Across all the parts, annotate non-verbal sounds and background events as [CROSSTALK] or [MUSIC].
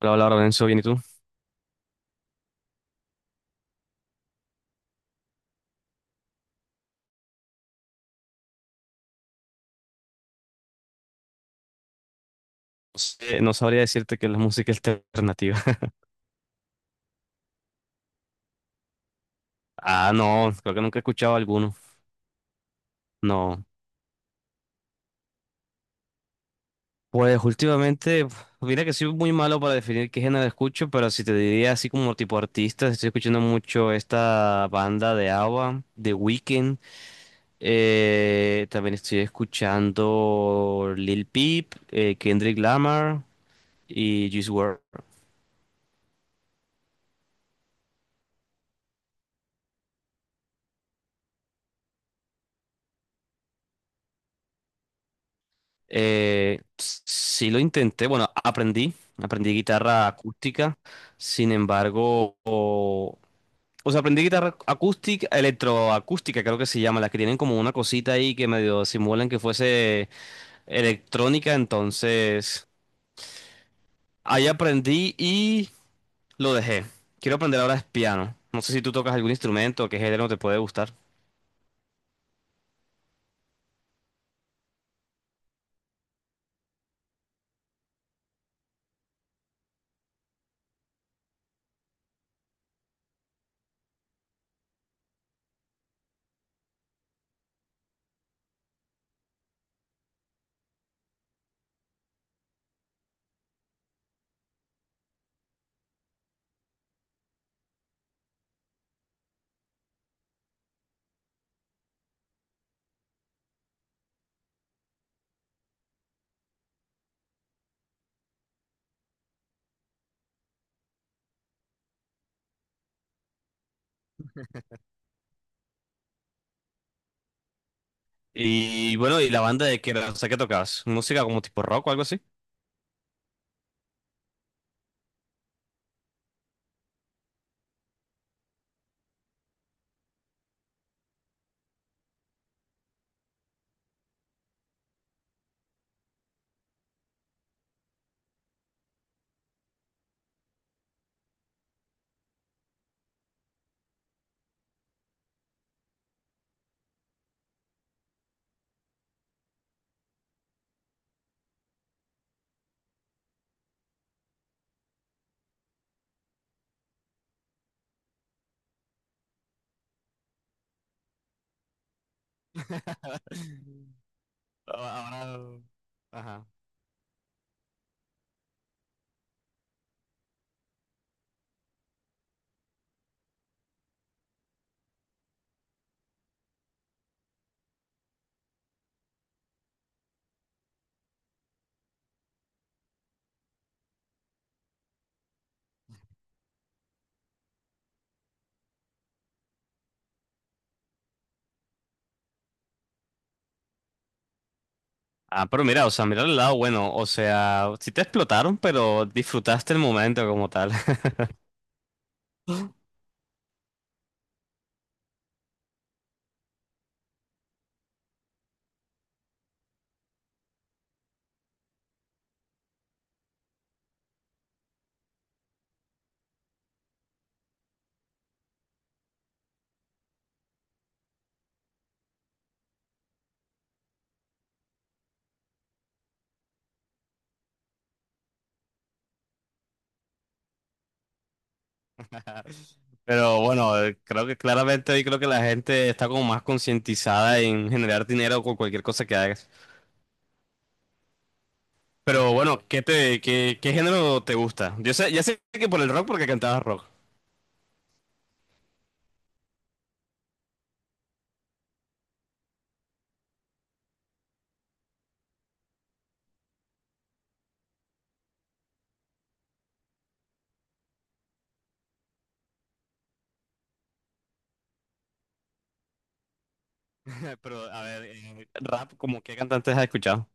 Hola, hola, Lorenzo, bien, ¿y tú? No sabría decirte que la música alternativa. [LAUGHS] Ah, no, creo que nunca he escuchado alguno. No. Pues últimamente, mira que soy muy malo para definir qué género escucho, pero si te diría así como tipo artista, estoy escuchando mucho esta banda de ABBA, The Weeknd. También estoy escuchando Lil Peep, Kendrick Lamar y Juice WRLD. Sí lo intenté, bueno, aprendí guitarra acústica, sin embargo, o sea, aprendí guitarra acústica, electroacústica creo que se llama, las que tienen como una cosita ahí que medio simulan que fuese electrónica, entonces ahí aprendí y lo dejé. Quiero aprender ahora es piano, no sé si tú tocas algún instrumento, qué género te puede gustar. Y bueno, ¿y la banda de qué era? O sea, ¿qué tocabas? ¿Música como tipo rock o algo así? [LAUGHS] Ahora, ajá. Ah, pero mira, o sea, mira el lado bueno, o sea, sí te explotaron, pero disfrutaste el momento como tal. [LAUGHS] Pero bueno, creo que claramente hoy creo que la gente está como más concientizada en generar dinero con cualquier cosa que hagas. Pero bueno, ¿ qué género te gusta? Yo sé, ya sé que por el rock porque cantabas rock. [LAUGHS] Pero a ver, rap, ¿como qué cantantes has escuchado?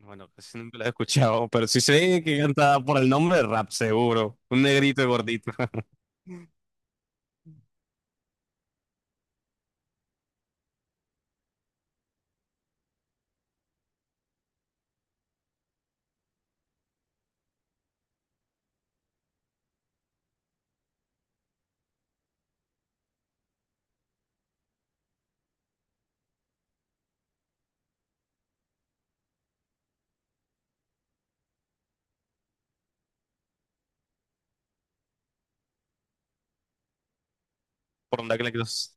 Bueno, casi nunca lo he escuchado, pero sí sé que cantaba por el nombre de rap, seguro. Un negrito y gordito. Mm. Por donde que le quieras.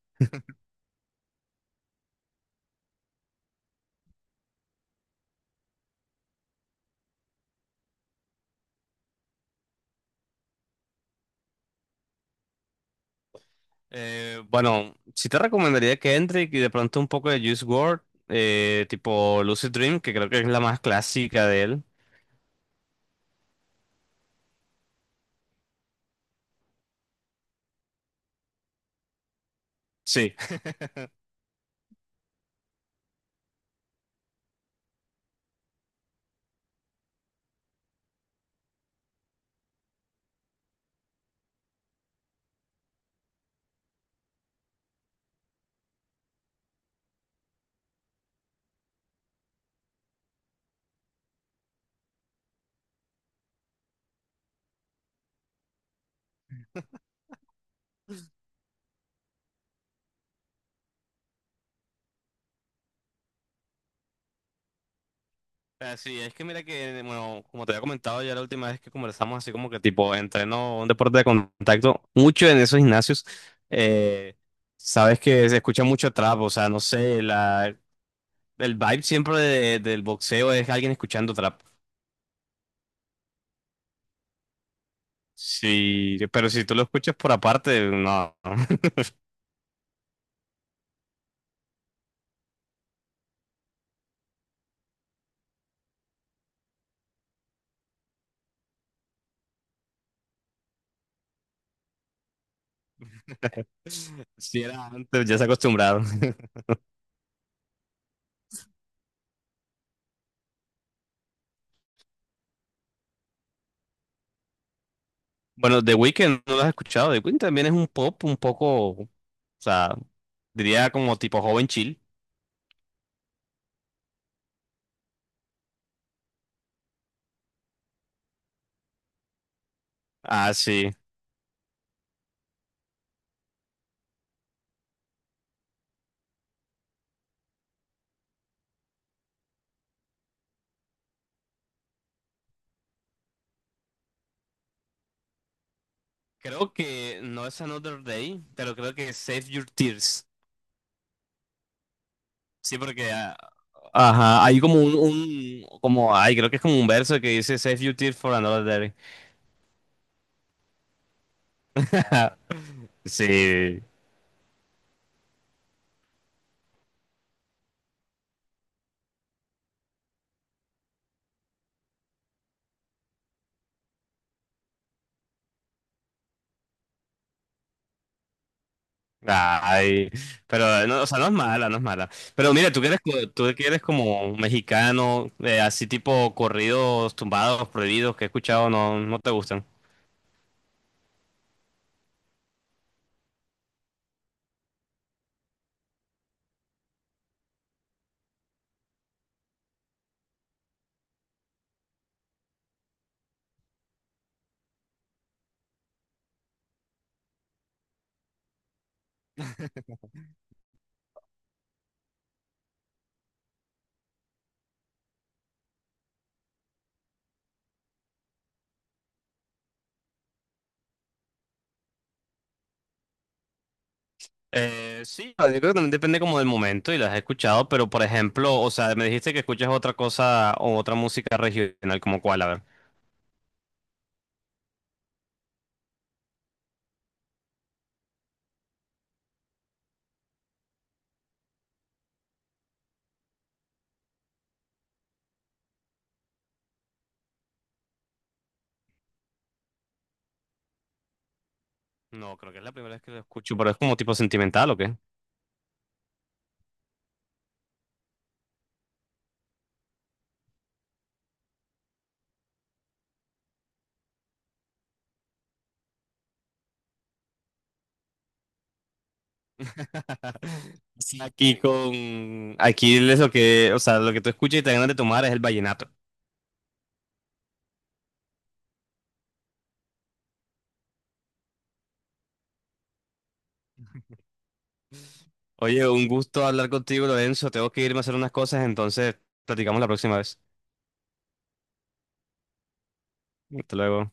Bueno, sí te recomendaría que entre y de pronto un poco de Juice WRLD, tipo Lucid Dream, que creo que es la más clásica de él. Sí. Así es que mira que, bueno, como te había comentado ya la última vez que conversamos, así como que tipo entreno un deporte de contacto, mucho en esos gimnasios, eh, sabes que se escucha mucho trap, o sea, no sé, la, el vibe siempre del boxeo es alguien escuchando trap. Sí, pero si tú lo escuchas por aparte, no. [LAUGHS] Si era antes, ya se acostumbraron. [LAUGHS] Bueno, The Weeknd no lo has escuchado. The Weeknd también es un pop un poco, o sea, diría como tipo joven chill. Ah, sí. Creo que no es Another Day, pero creo que es Save Your Tears. Sí, porque ajá, hay como un creo que es como un verso que dice Save Your Tears for Another Day. Sí. Ay, pero no, o sea, no es mala, no es mala. Pero mira, tú que eres como mexicano, así tipo corridos tumbados, prohibidos que he escuchado, no, no te gustan. Sí, yo creo que también depende como del momento y las he escuchado, pero por ejemplo, o sea, me dijiste que escuchas otra cosa o otra música regional, como cuál, a ver. No, creo que es la primera vez que lo escucho, pero es como tipo sentimental, ¿o qué? [LAUGHS] Sí, aquí aquí es lo que, o sea, lo que tú escuchas y te dan ganas de tomar es el vallenato. Oye, un gusto hablar contigo, Lorenzo, tengo que irme a hacer unas cosas, entonces platicamos la próxima vez. Hasta luego.